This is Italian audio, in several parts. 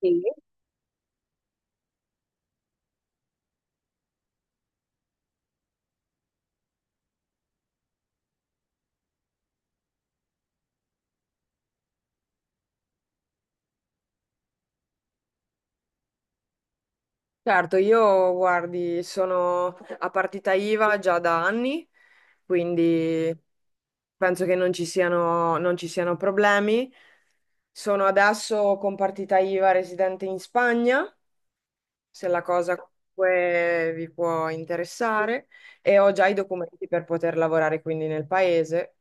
Sì. Certo, io guardi, sono a partita IVA già da anni, quindi penso che non ci siano problemi. Sono adesso con partita IVA residente in Spagna, se la cosa comunque vi può interessare, e ho già i documenti per poter lavorare quindi nel paese.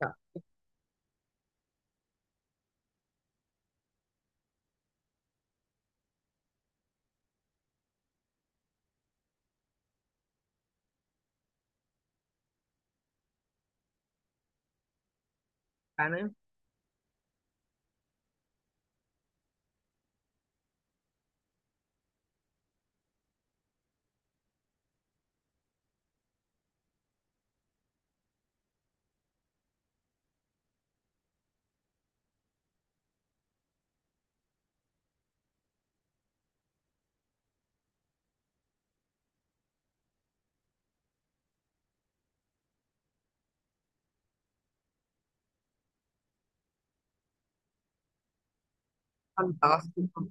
Va bene. Fantastico.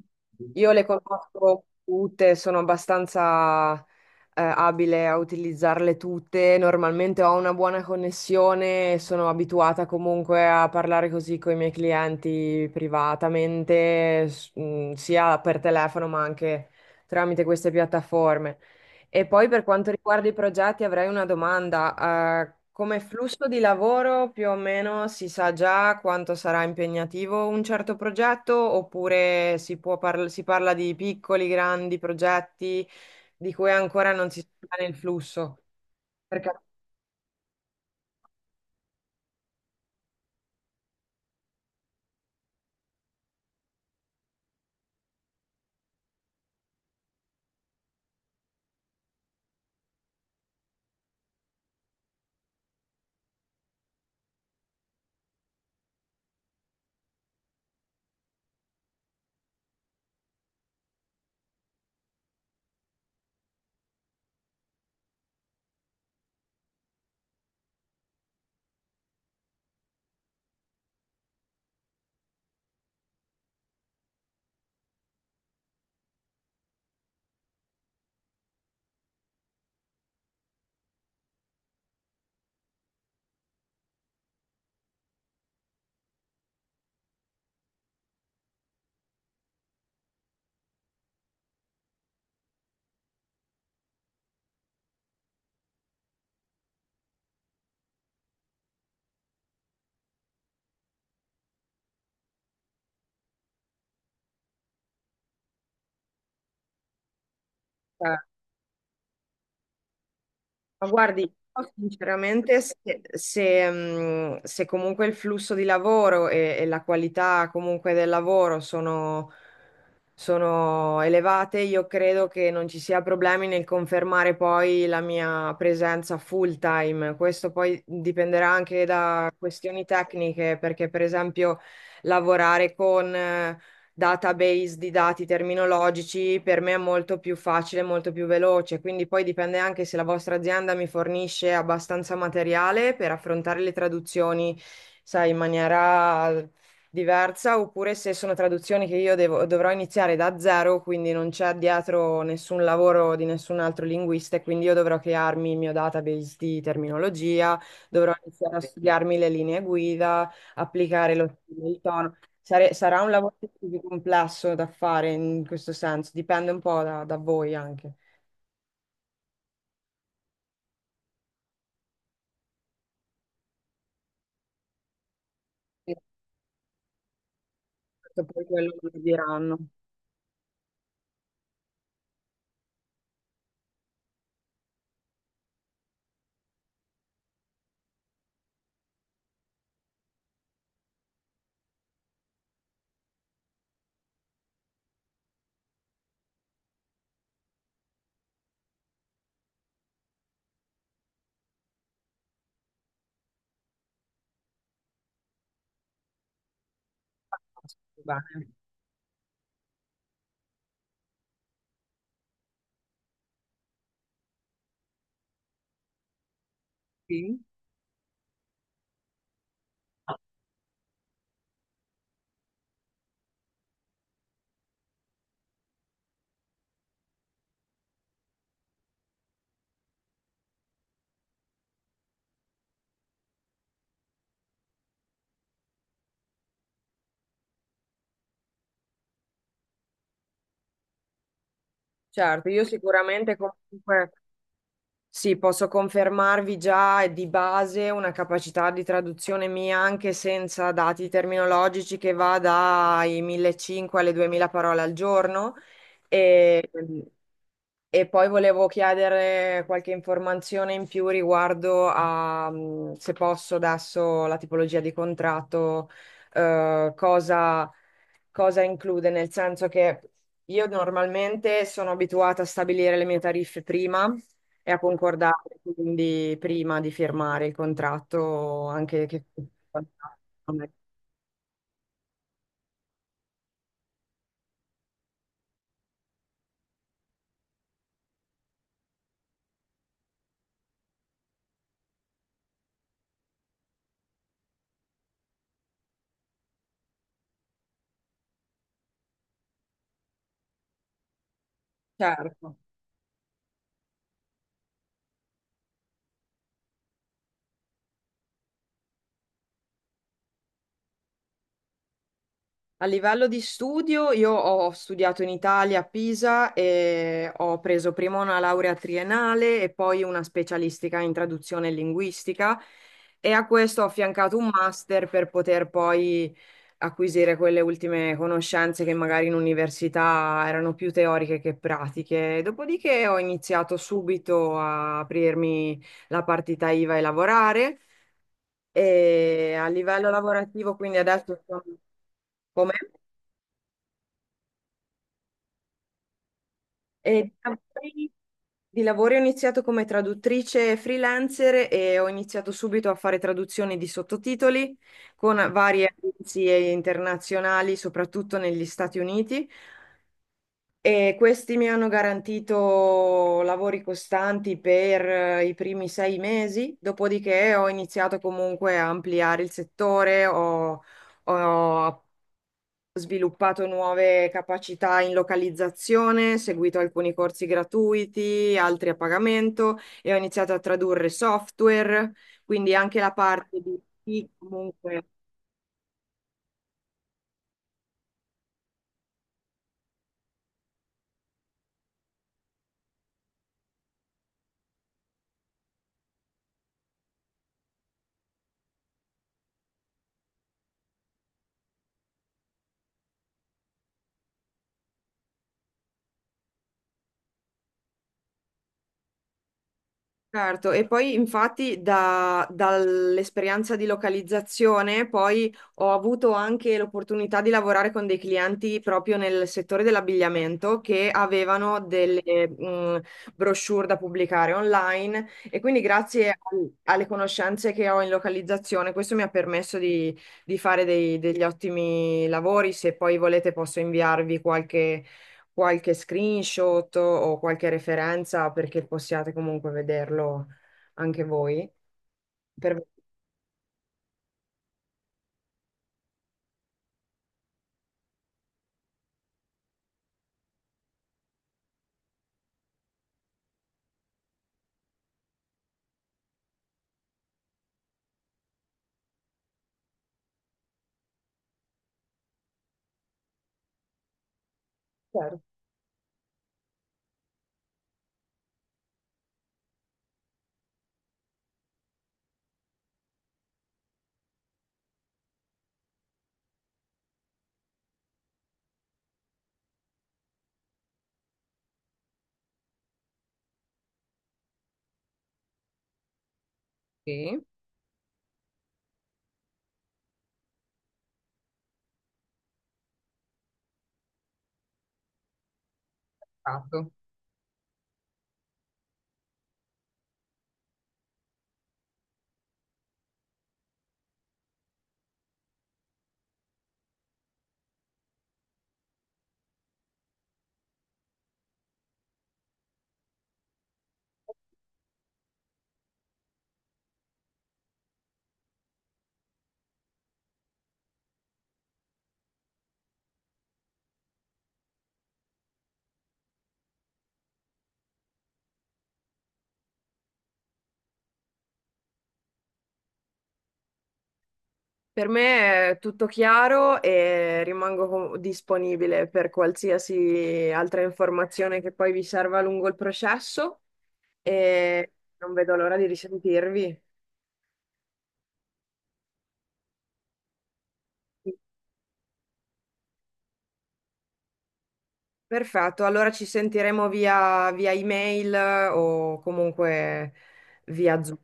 Io le conosco tutte, sono abbastanza abile a utilizzarle tutte. Normalmente ho una buona connessione, e sono abituata comunque a parlare così con i miei clienti privatamente, sia per telefono ma anche tramite queste piattaforme. E poi per quanto riguarda i progetti avrei una domanda. Come flusso di lavoro più o meno si sa già quanto sarà impegnativo un certo progetto oppure si parla di piccoli, grandi progetti di cui ancora non si sa il flusso? Perché eh, Ma guardi, io sinceramente, se comunque il flusso di lavoro e la qualità comunque del lavoro sono, sono elevate, io credo che non ci sia problemi nel confermare poi la mia presenza full time. Questo poi dipenderà anche da questioni tecniche, perché per esempio lavorare con... database di dati terminologici, per me è molto più facile, molto più veloce. Quindi poi dipende anche se la vostra azienda mi fornisce abbastanza materiale per affrontare le traduzioni, sai, in maniera diversa, oppure se sono traduzioni che dovrò iniziare da zero, quindi non c'è dietro nessun lavoro di nessun altro linguista, e quindi io dovrò crearmi il mio database di terminologia, dovrò iniziare a studiarmi le linee guida, applicare lo stile, il tono. Sarà un lavoro più complesso da fare in questo senso, dipende un po' da voi anche. Certo, poi quello che vi diranno. Bene. Certo, io sicuramente comunque sì, posso confermarvi già di base una capacità di traduzione mia anche senza dati terminologici che va dai 1500 alle 2000 parole al giorno. E, E poi volevo chiedere qualche informazione in più riguardo a, se posso adesso, la tipologia di contratto, eh, cosa, cosa include, nel senso che io normalmente sono abituata a stabilire le mie tariffe prima e a concordarle, quindi prima di firmare il contratto, anche che. Certo. A livello di studio, io ho studiato in Italia a Pisa e ho preso prima una laurea triennale e poi una specialistica in traduzione e linguistica e a questo ho affiancato un master per poter poi acquisire quelle ultime conoscenze che magari in università erano più teoriche che pratiche. Dopodiché ho iniziato subito a aprirmi la partita IVA e lavorare e a livello lavorativo, quindi adesso sono. Come? E di lavori, ho iniziato come traduttrice freelancer e ho iniziato subito a fare traduzioni di sottotitoli con varie agenzie internazionali, soprattutto negli Stati Uniti. E questi mi hanno garantito lavori costanti per i primi 6 mesi, dopodiché ho iniziato comunque a ampliare il settore, ho sviluppato nuove capacità in localizzazione, seguito alcuni corsi gratuiti, altri a pagamento e ho iniziato a tradurre software, quindi anche la parte di chi comunque. Certo, e poi infatti dall'esperienza di localizzazione poi ho avuto anche l'opportunità di lavorare con dei clienti proprio nel settore dell'abbigliamento che avevano delle mh, brochure da pubblicare online e quindi grazie alle conoscenze che ho in localizzazione questo mi ha permesso di fare degli ottimi lavori. Se poi volete posso inviarvi qualche screenshot o qualche referenza perché possiate comunque vederlo anche voi. Per me, chiaro. Sì, esatto. Per me è tutto chiaro e rimango disponibile per qualsiasi altra informazione che poi vi serva lungo il processo e non vedo l'ora di risentirvi. Perfetto, allora ci sentiremo via email o comunque via Zoom.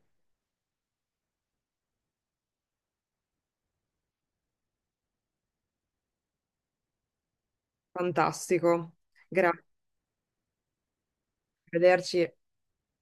Fantastico. Grazie, arrivederci.